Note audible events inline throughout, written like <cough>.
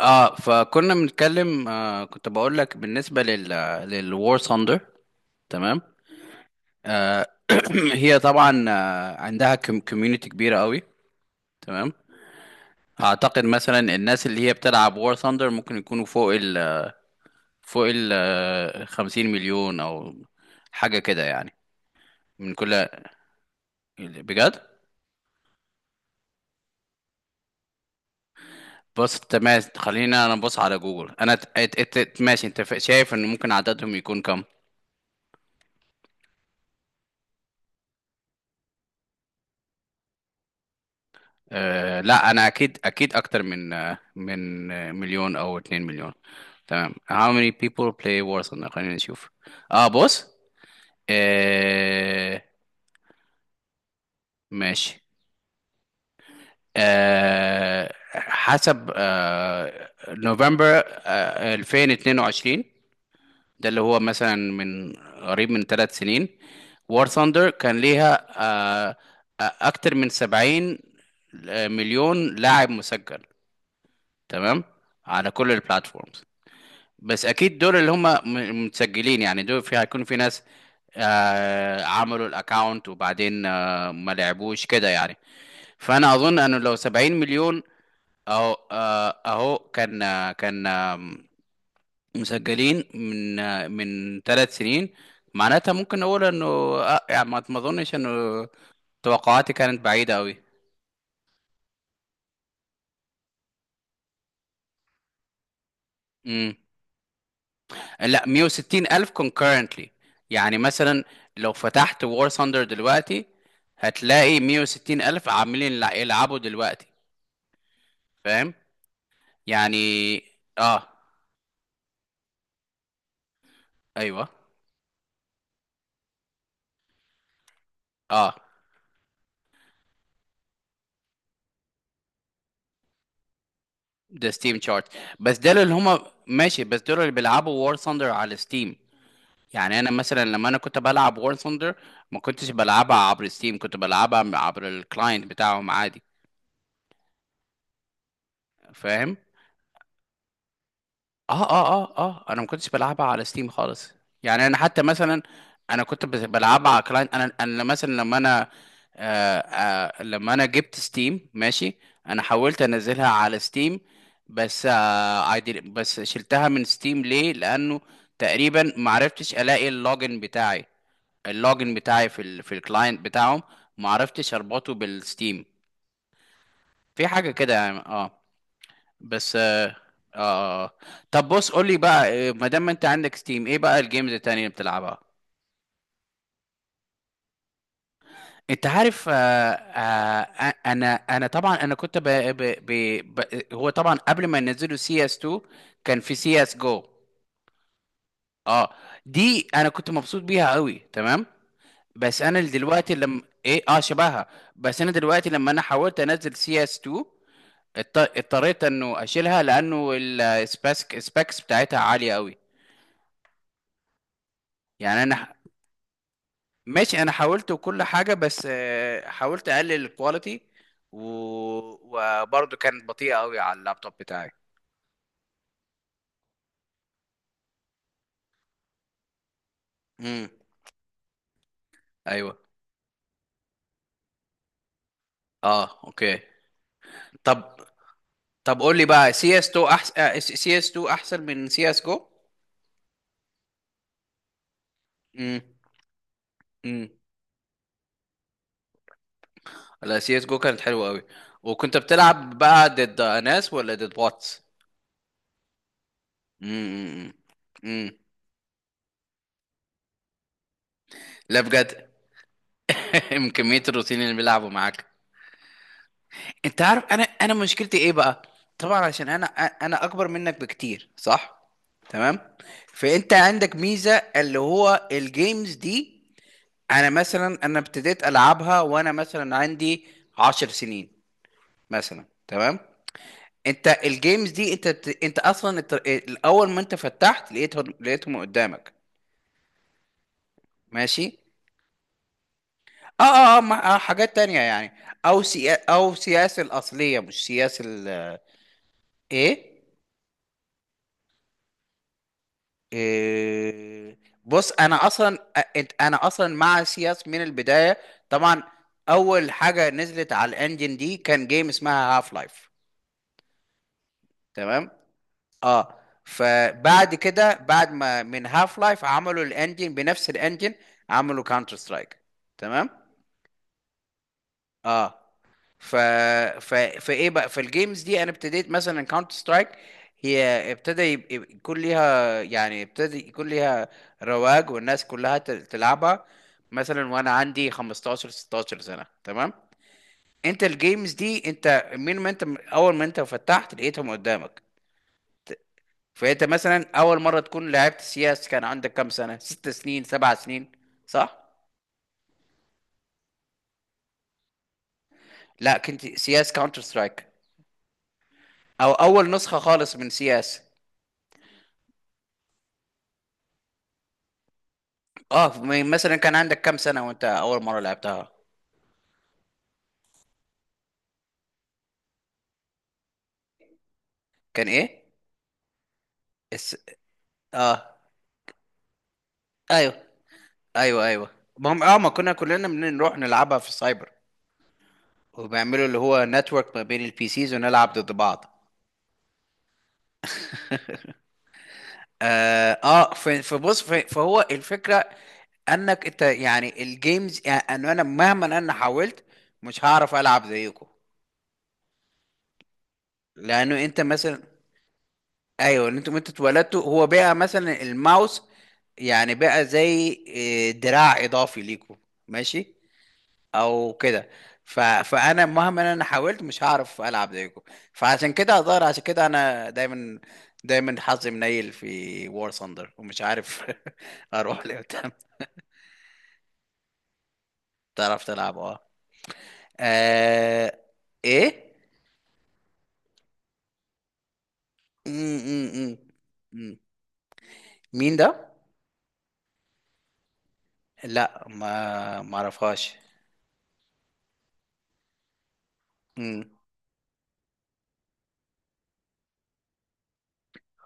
اه فكنا بنتكلم كنت بقول لك بالنسبه للوار ثاندر. تمام. آه <clears throat> هي طبعا عندها كوميونتي كبيره قوي. تمام. اعتقد مثلا الناس اللي هي بتلعب وار ثاندر ممكن يكونوا فوق ال 50 مليون او حاجه كده يعني. من كل، بجد. بص، تمام، خلينا انا ابص على جوجل. انا ت- ات- ات- ات- ماشي، انت شايف ان ممكن عددهم يكون كم؟ لا، انا اكيد اكيد اكتر من مليون او اتنين مليون. تمام، how many people play Warzone، خلينا نشوف. اه، بص. أه ماشي. حسب نوفمبر 2022، ده اللي هو مثلا قريب من 3 سنين، War Thunder كان ليها أه آه، اكتر من 70 مليون لاعب مسجل. تمام، على كل البلاتفورمز. بس اكيد دول اللي هم متسجلين، يعني دول هيكون في ناس عملوا الاكاونت وبعدين ما لعبوش كده يعني. فانا اظن انه لو 70 مليون اهو كان مسجلين من 3 سنين، معناتها ممكن نقول انه، يعني، ما اظنش انه توقعاتي كانت بعيدة قوي. لا، 160 ألف concurrently، يعني مثلا لو فتحت War Thunder دلوقتي هتلاقي 160 ألف عاملين يلعبوا دلوقتي، فاهم يعني. اه، ايوه. اه، ده ستيم شارت. بس دول اللي هما، ماشي، بس دول اللي بيلعبوا War Thunder على ستيم. يعني انا مثلا لما انا كنت بلعب War Thunder ما كنتش بلعبها عبر ستيم، كنت بلعبها عبر الكلاينت بتاعهم عادي، فاهم. اه، اه، اه، اه، انا ما كنتش بلعبها على ستيم خالص. يعني انا حتى مثلا انا كنت بلعبها على كلاينت. انا مثلا لما انا، لما انا جبت ستيم، ماشي، انا حاولت انزلها على ستيم، بس آه I didn't- بس شلتها من ستيم ليه؟ لانه تقريبا ما عرفتش الاقي اللوجن بتاعي، اللوجن بتاعي في الكلاينت بتاعهم، ما عرفتش اربطه بالستيم. في حاجه كده يعني. اه بس آه, آه طب، بص، قول لي بقى، ما دام انت عندك ستيم، ايه بقى الجيمز التانية اللي بتلعبها؟ انت عارف، انا طبعا، انا كنت ب ب ب ب هو طبعا قبل ما ينزلوا سي اس 2 كان في سي اس جو. اه، دي انا كنت مبسوط بيها قوي. تمام. بس انا دلوقتي لما ايه، اه، شبهها. بس انا دلوقتي لما انا حاولت انزل سي اس 2 اضطريت انه اشيلها، لانه السبيكس بتاعتها عالية قوي. يعني انا، ماشي، انا حاولت وكل حاجه، بس، حاولت اقلل الكواليتي و... وبرضه كانت بطيئه قوي على اللابتوب بتاعي. امم. ايوه. اه، اوكي. طب طب قول لي بقى، سي اس 2 احسن، سي اس 2 احسن من سي اس جو؟ امم، امم. لا، سي اس جو كانت حلوه قوي. وكنت بتلعب بقى ضد ناس ولا ضد بوتس؟ امم، امم. أمم. لا، بجد. <laughs> من كميه الروتين اللي بيلعبوا معاك. انت عارف انا، انا مشكلتي ايه بقى؟ طبعا عشان انا اكبر منك بكتير، صح؟ تمام. فانت عندك ميزة اللي هو الجيمز دي، انا مثلا انا ابتديت العبها وانا مثلا عندي 10 سنين مثلا، تمام؟ انت الجيمز دي انت انت اصلا، الاول ما انت فتحت لقيتهم قدامك. ماشي. اه، اه، اه، حاجات تانية يعني. او سيا، او سياسة الاصلية، مش سياسة ال، ايه، إيه، بص انا اصلا انا اصلا مع سياس من البدايه، طبعا. اول حاجه نزلت على الانجن دي كان جيم اسمها هاف لايف، تمام. اه، فبعد كده بعد ما من هاف لايف عملوا الانجن، بنفس الانجن عملوا كاونتر سترايك، تمام. اه ف... ف... فايه بقى، فالجيمز دي انا ابتديت مثلا كاونتر سترايك، هي ابتدى يكون ليها رواج، والناس كلها تلعبها، مثلا وانا عندي 15 16 سنة، تمام. انت الجيمز دي انت، من ما انت اول ما انت فتحت لقيتهم قدامك. فانت مثلا اول مرة تكون لعبت سياس كان عندك كام سنة؟ 6 سنين، 7 سنين، صح؟ لا، كنت سياس كاونتر سترايك، او اول نسخة خالص من سياس. مثلا كان عندك كام سنة وانت اول مرة لعبتها؟ كان ايه الس... اه، ايوه، ايوه، ايوه. ما هم، اه، ما كنا كلنا بنروح نلعبها في السايبر، وبيعملوا اللي هو نتورك ما بين البي سيز ونلعب ضد بعض. فهو الفكرة انك انت يعني الجيمز، يعني انا مهما انا حاولت مش هعرف العب زيكم. لانه انت مثلا، ايوه، ان انتوا انتوا اتولدتوا، هو بقى مثلا الماوس يعني بقى زي، إيه، دراع اضافي ليكوا، ماشي، او كده. فانا مهما انا حاولت مش هعرف العب زيكم. فعشان كده هضطر عشان كده انا دايما دايما حظي منيل في وور ثاندر، ومش عارف <laughs> اروح لقدام. تعرف تلعب، اه، آه، ايه. م -م -م. م. مين ده؟ لا، ما اعرفهاش. مم.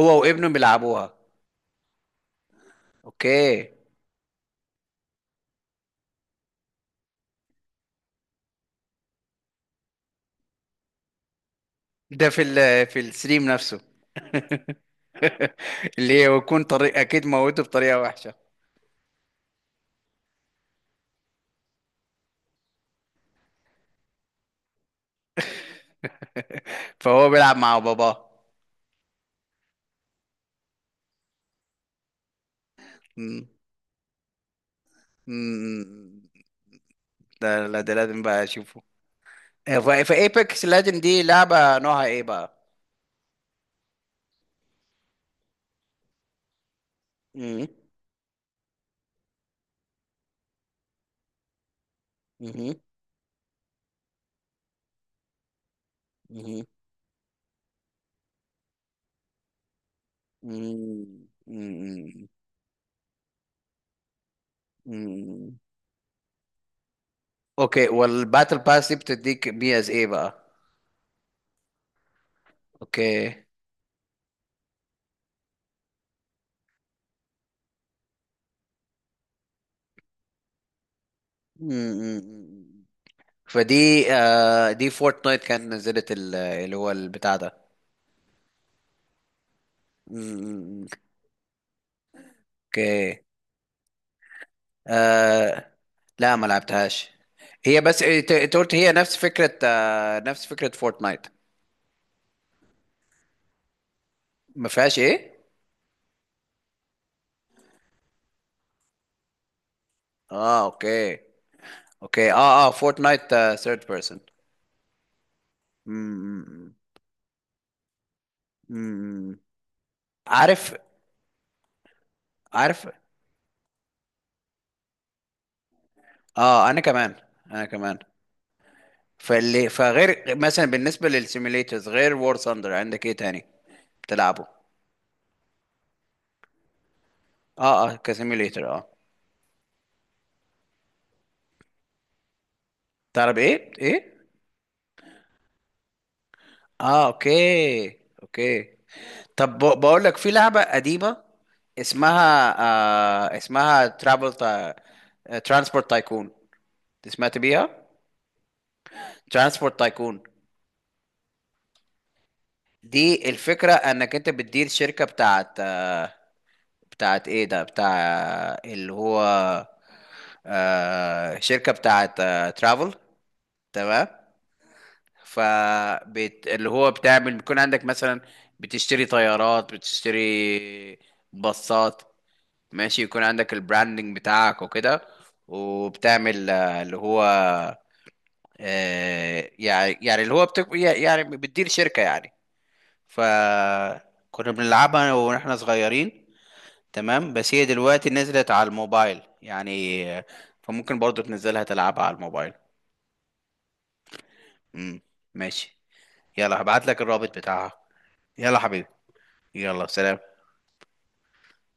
هو وابنه بيلعبوها؟ اوكي. ده في الستريم نفسه؟ <laughs> اللي هي يكون طريق اكيد موته بطريقه وحشه. فهو بيلعب مع باباه. مم. مم. ده لا، ده لازم بقى اشوفه. في ايبكس ليجند دي، لعبه نوعها ايه بقى؟ مم. مم. مم. مم. مم. مم. اوكي. والباتل باس دي بتديك بي از ايه بقى؟ اوكي. مم. فدي آه دي فورتنايت كانت نزلت اللي هو البتاع ده. مم. اوكي. آه لا، ما لعبتهاش. هي بس، إيه، انت قلت هي نفس فكرة، نفس فكرة فورتنايت. ما فيهاش ايه؟ اه، اوكي، اوكي. اه، اه، فورتنايت ثيرد بيرسون. عارف. عارف. اه، انا كمان، انا كمان. فغير مثلا، بالنسبة للسيميليترز، غير وور ثاندر عندك ايه تاني بتلعبه؟ اه، اه، كسيميليتر، اه. تعرف ايه؟ ايه؟ اه، اوكي، اوكي. طب، بقول لك في لعبة قديمة اسمها اسمها ترانسبورت تايكون، سمعت بيها؟ ترانسبورت تايكون. دي الفكرة انك انت بتدير شركة بتاعت، بتاعت ايه ده، بتاع اللي هو، شركة بتاعت، ترافل، تمام. ف اللي هو بتعمل، بيكون عندك مثلا بتشتري طيارات، بتشتري باصات، ماشي، يكون عندك البراندنج بتاعك وكده. وبتعمل، اللي هو، يعني اللي هو يعني بتدير شركة يعني. فكنا بنلعبها واحنا صغيرين، تمام. بس هي دلوقتي نزلت على الموبايل يعني، فممكن برضو تنزلها تلعبها على الموبايل. امم. ماشي. يلا هبعت لك الرابط بتاعها. يلا حبيبي. يلا، سلام.